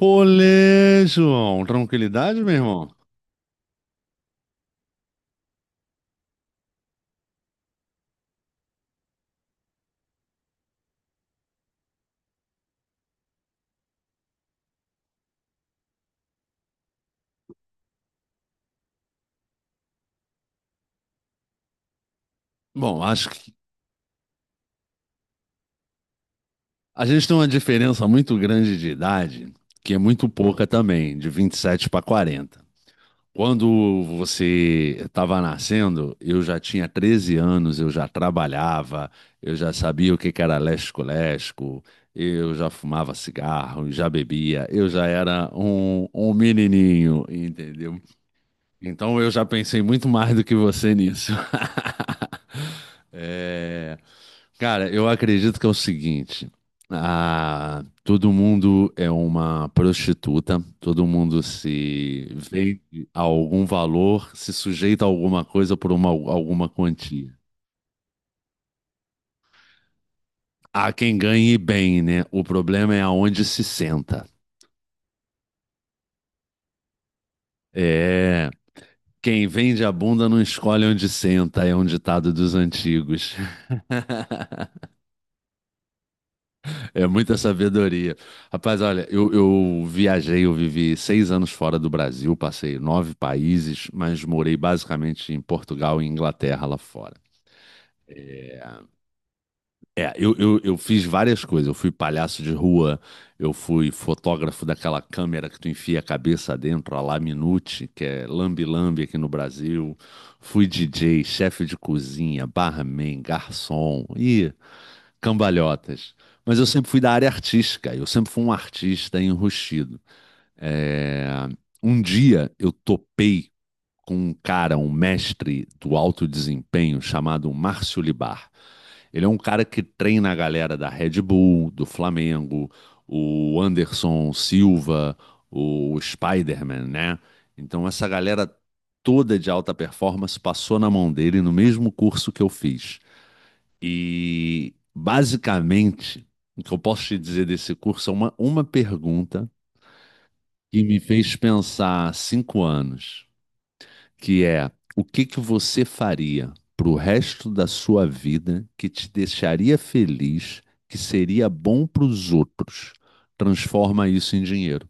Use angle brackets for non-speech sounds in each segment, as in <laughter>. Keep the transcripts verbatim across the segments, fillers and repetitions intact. Olê, João. Tranquilidade, meu irmão? Bom, acho que a gente tem uma diferença muito grande de idade, que é muito pouca também, de vinte e sete para quarenta. Quando você estava nascendo, eu já tinha treze anos, eu já trabalhava, eu já sabia o que que era lesco-lesco, eu já fumava cigarro, já bebia, eu já era um, um menininho, entendeu? Então eu já pensei muito mais do que você nisso. <laughs> É. Cara, eu acredito que é o seguinte: ah, todo mundo é uma prostituta, todo mundo se vende a algum valor, se sujeita a alguma coisa por uma, alguma quantia. Há quem ganhe bem, né? O problema é aonde se senta. É. Quem vende a bunda não escolhe onde senta, é um ditado dos antigos. <laughs> É muita sabedoria. Rapaz, olha, eu, eu viajei, eu vivi seis anos fora do Brasil, passei nove países, mas morei basicamente em Portugal e Inglaterra lá fora. É, é, eu, eu, eu fiz várias coisas. Eu fui palhaço de rua, eu fui fotógrafo daquela câmera que tu enfia a cabeça dentro, a Laminute, que é lambe-lambe aqui no Brasil. Fui D J, chefe de cozinha, barman, garçom. Ih, cambalhotas. Mas eu sempre fui da área artística, eu sempre fui um artista enrustido. É. Um dia eu topei com um cara, um mestre do alto desempenho chamado Márcio Libar. Ele é um cara que treina a galera da Red Bull, do Flamengo, o Anderson Silva, o Spider-Man, né? Então essa galera toda de alta performance passou na mão dele no mesmo curso que eu fiz. E basicamente, o que eu posso te dizer desse curso é uma, uma pergunta que me fez pensar há cinco anos, que é o que que você faria para o resto da sua vida que te deixaria feliz, que seria bom para os outros? Transforma isso em dinheiro.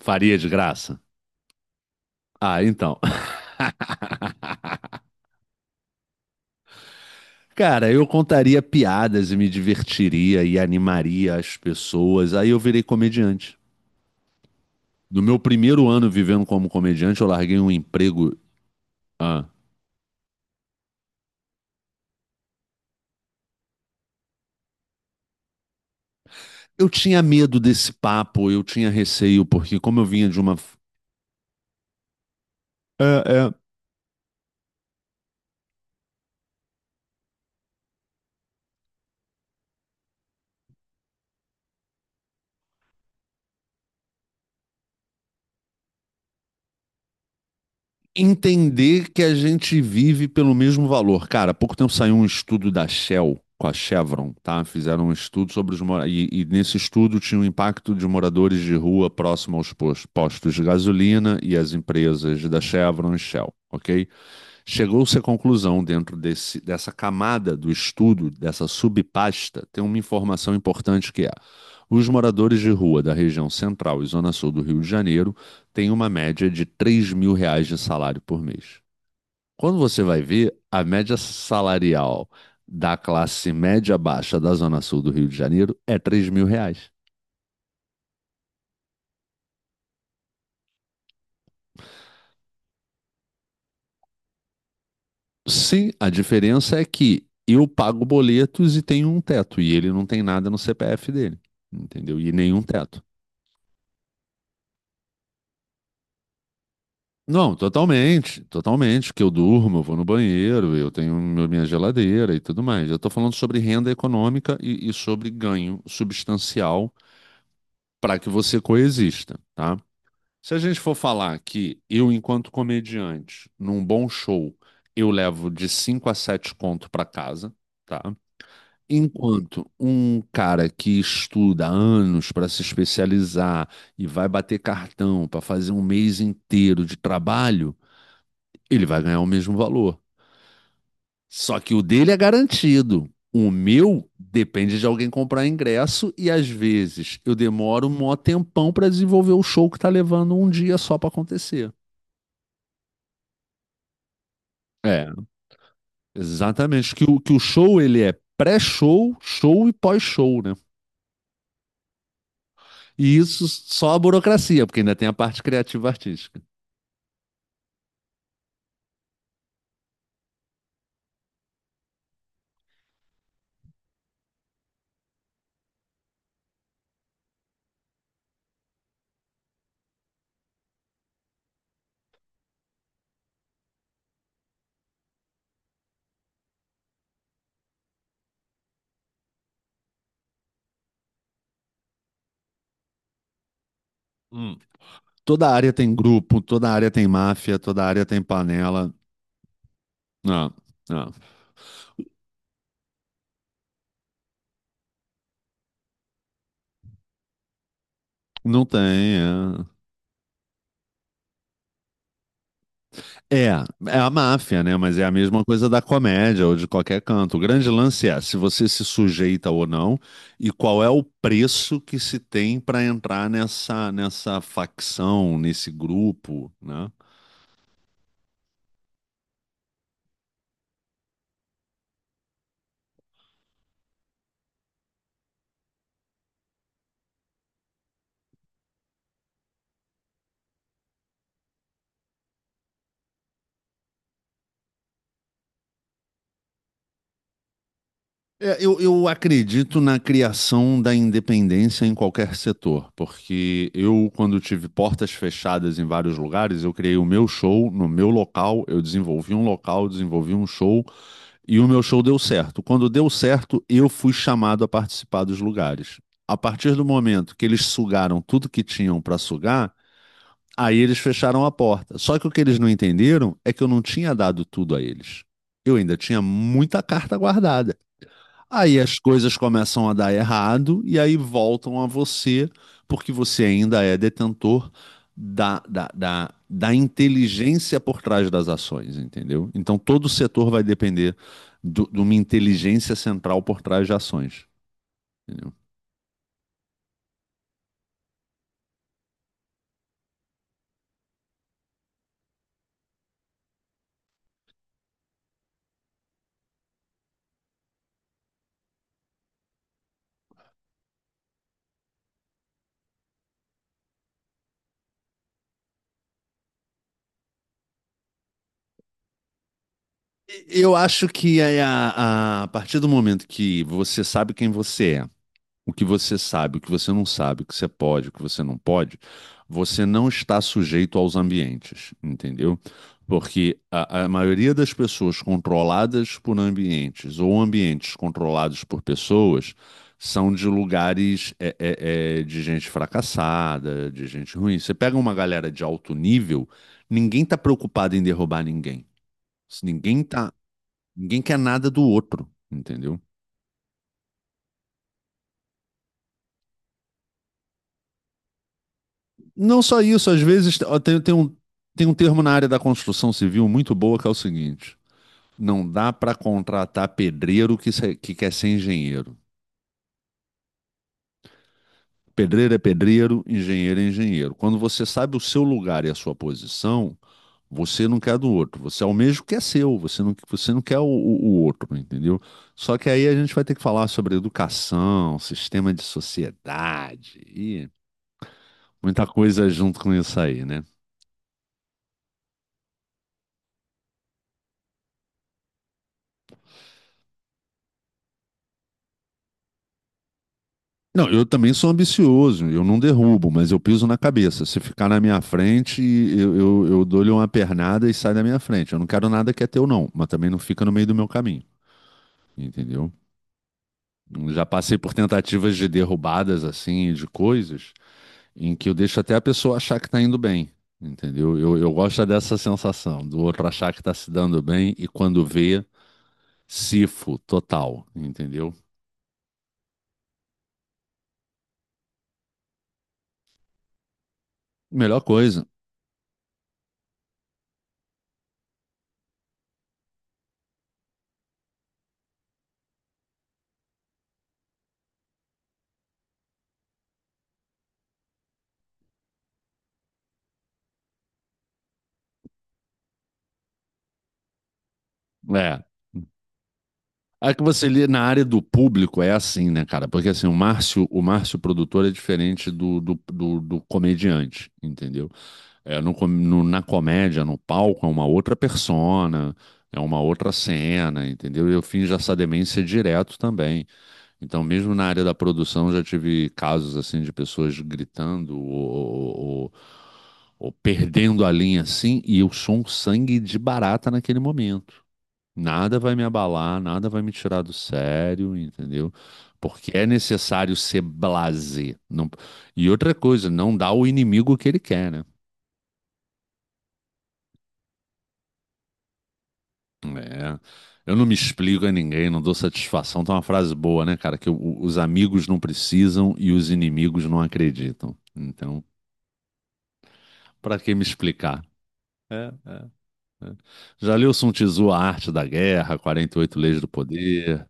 Faria de graça? Ah, então. <laughs> Cara, eu contaria piadas e me divertiria e animaria as pessoas. Aí eu virei comediante. No meu primeiro ano vivendo como comediante, eu larguei um emprego. Ah, eu tinha medo desse papo, eu tinha receio, porque como eu vinha de uma. É, é, entender que a gente vive pelo mesmo valor. Cara, há pouco tempo saiu um estudo da Shell com a Chevron, tá? Fizeram um estudo sobre os moradores. E, nesse estudo tinha o impacto de moradores de rua próximo aos pos- postos de gasolina e as empresas da Chevron e Shell, ok? Chegou-se à conclusão, dentro desse, dessa camada do estudo, dessa subpasta, tem uma informação importante que é: os moradores de rua da região central e zona sul do Rio de Janeiro tem uma média de três mil reais de salário por mês. Quando você vai ver, a média salarial da classe média baixa da Zona Sul do Rio de Janeiro é três mil reais. Sim, a diferença é que eu pago boletos e tenho um teto, e ele não tem nada no C P F dele, entendeu? E nenhum teto. Não, totalmente, totalmente, que eu durmo, eu vou no banheiro, eu tenho meu- minha geladeira e tudo mais. Eu estou falando sobre renda econômica e, e sobre ganho substancial para que você coexista, tá? Se a gente for falar que eu, enquanto comediante, num bom show, eu levo de cinco a sete conto para casa, tá? Enquanto um cara que estuda há anos para se especializar e vai bater cartão para fazer um mês inteiro de trabalho, ele vai ganhar o mesmo valor. Só que o dele é garantido. O meu depende de alguém comprar ingresso e às vezes eu demoro um mó tempão para desenvolver o show que tá levando um dia só para acontecer. É, exatamente. Que o, que o show ele é pré-show, show e pós-show, né? E isso só a burocracia, porque ainda tem a parte criativa artística. Hum. Toda área tem grupo, toda área tem máfia, toda área tem panela. Não, não. Não tem, é. É, é a máfia, né? Mas é a mesma coisa da comédia ou de qualquer canto. O grande lance é se você se sujeita ou não e qual é o preço que se tem para entrar nessa, nessa facção, nesse grupo, né? É, eu, eu acredito na criação da independência em qualquer setor, porque eu, quando tive portas fechadas em vários lugares, eu criei o meu show no meu local, eu desenvolvi um local, desenvolvi um show. E o meu show deu certo. Quando deu certo, eu fui chamado a participar dos lugares. A partir do momento que eles sugaram tudo que tinham para sugar, aí eles fecharam a porta. Só que o que eles não entenderam é que eu não tinha dado tudo a eles. Eu ainda tinha muita carta guardada. Aí as coisas começam a dar errado e aí voltam a você, porque você ainda é detentor da, da, da, da inteligência por trás das ações, entendeu? Então todo setor vai depender do- de uma inteligência central por trás de ações, entendeu? E- Eu acho que é a, a a partir do momento que você sabe quem você é, o que você sabe, o que você não sabe, o que você pode, o que você não pode, você não está sujeito aos ambientes, entendeu? Porque a, a maioria das pessoas controladas por ambientes ou ambientes controlados por pessoas são de lugares é, é, é, de gente fracassada, de gente ruim. Você pega uma galera de alto nível, ninguém está preocupado em derrubar ninguém. Ninguém tá, ninguém quer nada do outro, entendeu? Não só isso, às vezes ó, tem, tem um, tem um termo na área da construção civil muito boa que é o seguinte: não dá para contratar pedreiro que, se- que quer ser engenheiro. Pedreiro é pedreiro, engenheiro é engenheiro. Quando você sabe o seu lugar e a sua posição, você não quer do outro. Você almeja o que é seu, você não, você não quer o, o- o outro, entendeu? Só que aí a gente vai ter que falar sobre educação, sistema de sociedade e muita coisa junto com isso aí, né? Não, eu também sou ambicioso, eu não derrubo, mas eu piso na cabeça. Se ficar na minha frente, eu, eu, eu dou-lhe uma pernada e sai da minha frente. Eu não quero nada que é teu, não, mas também não fica no meio do meu caminho, entendeu? Já passei por tentativas de derrubadas, assim, de coisas, em que eu deixo até a pessoa achar que tá indo bem, entendeu? Eu, eu gosto dessa sensação, do outro achar que tá se dando bem e quando vê, cifo total, entendeu? Melhor coisa. É. A que você lê na área do público é assim, né, cara? Porque assim, o Márcio, o Márcio produtor é diferente do, do, do, do comediante, entendeu? É, no com- no- na comédia, no palco, é uma outra persona, é uma outra cena, entendeu? Eu finjo essa demência direto também. Então, mesmo na área da produção, já tive casos assim de pessoas gritando ou, ou- ou- ou perdendo a linha assim, e eu sou um sangue de barata naquele momento. Nada vai me abalar, nada vai me tirar do sério, entendeu? Porque é necessário ser blasé. Não. E outra coisa, não dá ao inimigo o que ele quer, né? É. Eu não me explico a ninguém, não dou satisfação. Tá uma frase boa, né, cara? Que o- os amigos não precisam e os inimigos não acreditam. Então, pra que me explicar? É, é, é. Já leu Sun Tzu, A Arte da Guerra, quarenta e oito Leis do Poder?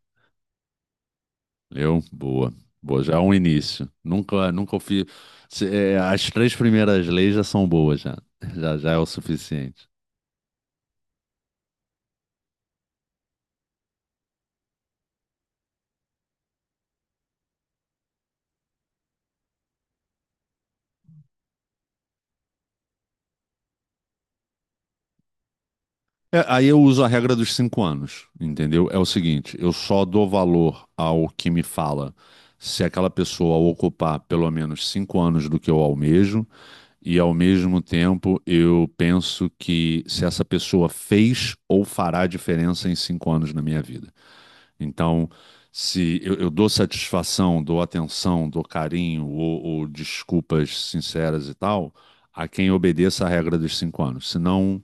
Eu? Boa. Boa, já é um início. Nunca, nunca fiz. Se- é, as três primeiras leis já são boas, já. Já, já é o suficiente. É, aí eu uso a regra dos cinco anos, entendeu? É o seguinte, eu só dou valor ao que me fala se aquela pessoa ocupar pelo menos cinco anos do que eu almejo, e ao mesmo tempo eu penso que se essa pessoa fez ou fará diferença em cinco anos na minha vida. Então, se eu, eu dou satisfação, dou atenção, dou carinho ou, ou desculpas sinceras e tal, a quem obedeça a regra dos cinco anos. Se não,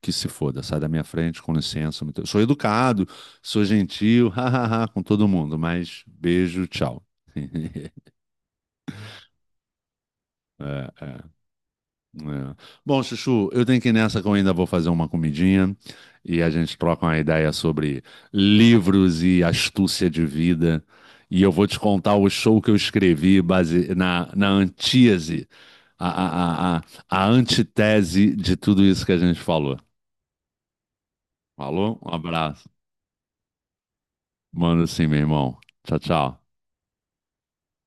que se foda, sai da minha frente, com licença. muito- Sou educado, sou gentil, <laughs> hahaha, com todo mundo, mas beijo, tchau. <laughs> É, é. É. Bom, Chuchu, eu tenho que ir nessa que eu ainda vou fazer uma comidinha e a gente troca uma ideia sobre livros e astúcia de vida. E eu vou te contar o show que eu escrevi base na, na antítese, a, a, a, a a antitese de tudo isso que a gente falou. Falou? Um abraço. Manda sim, meu irmão. Tchau, tchau.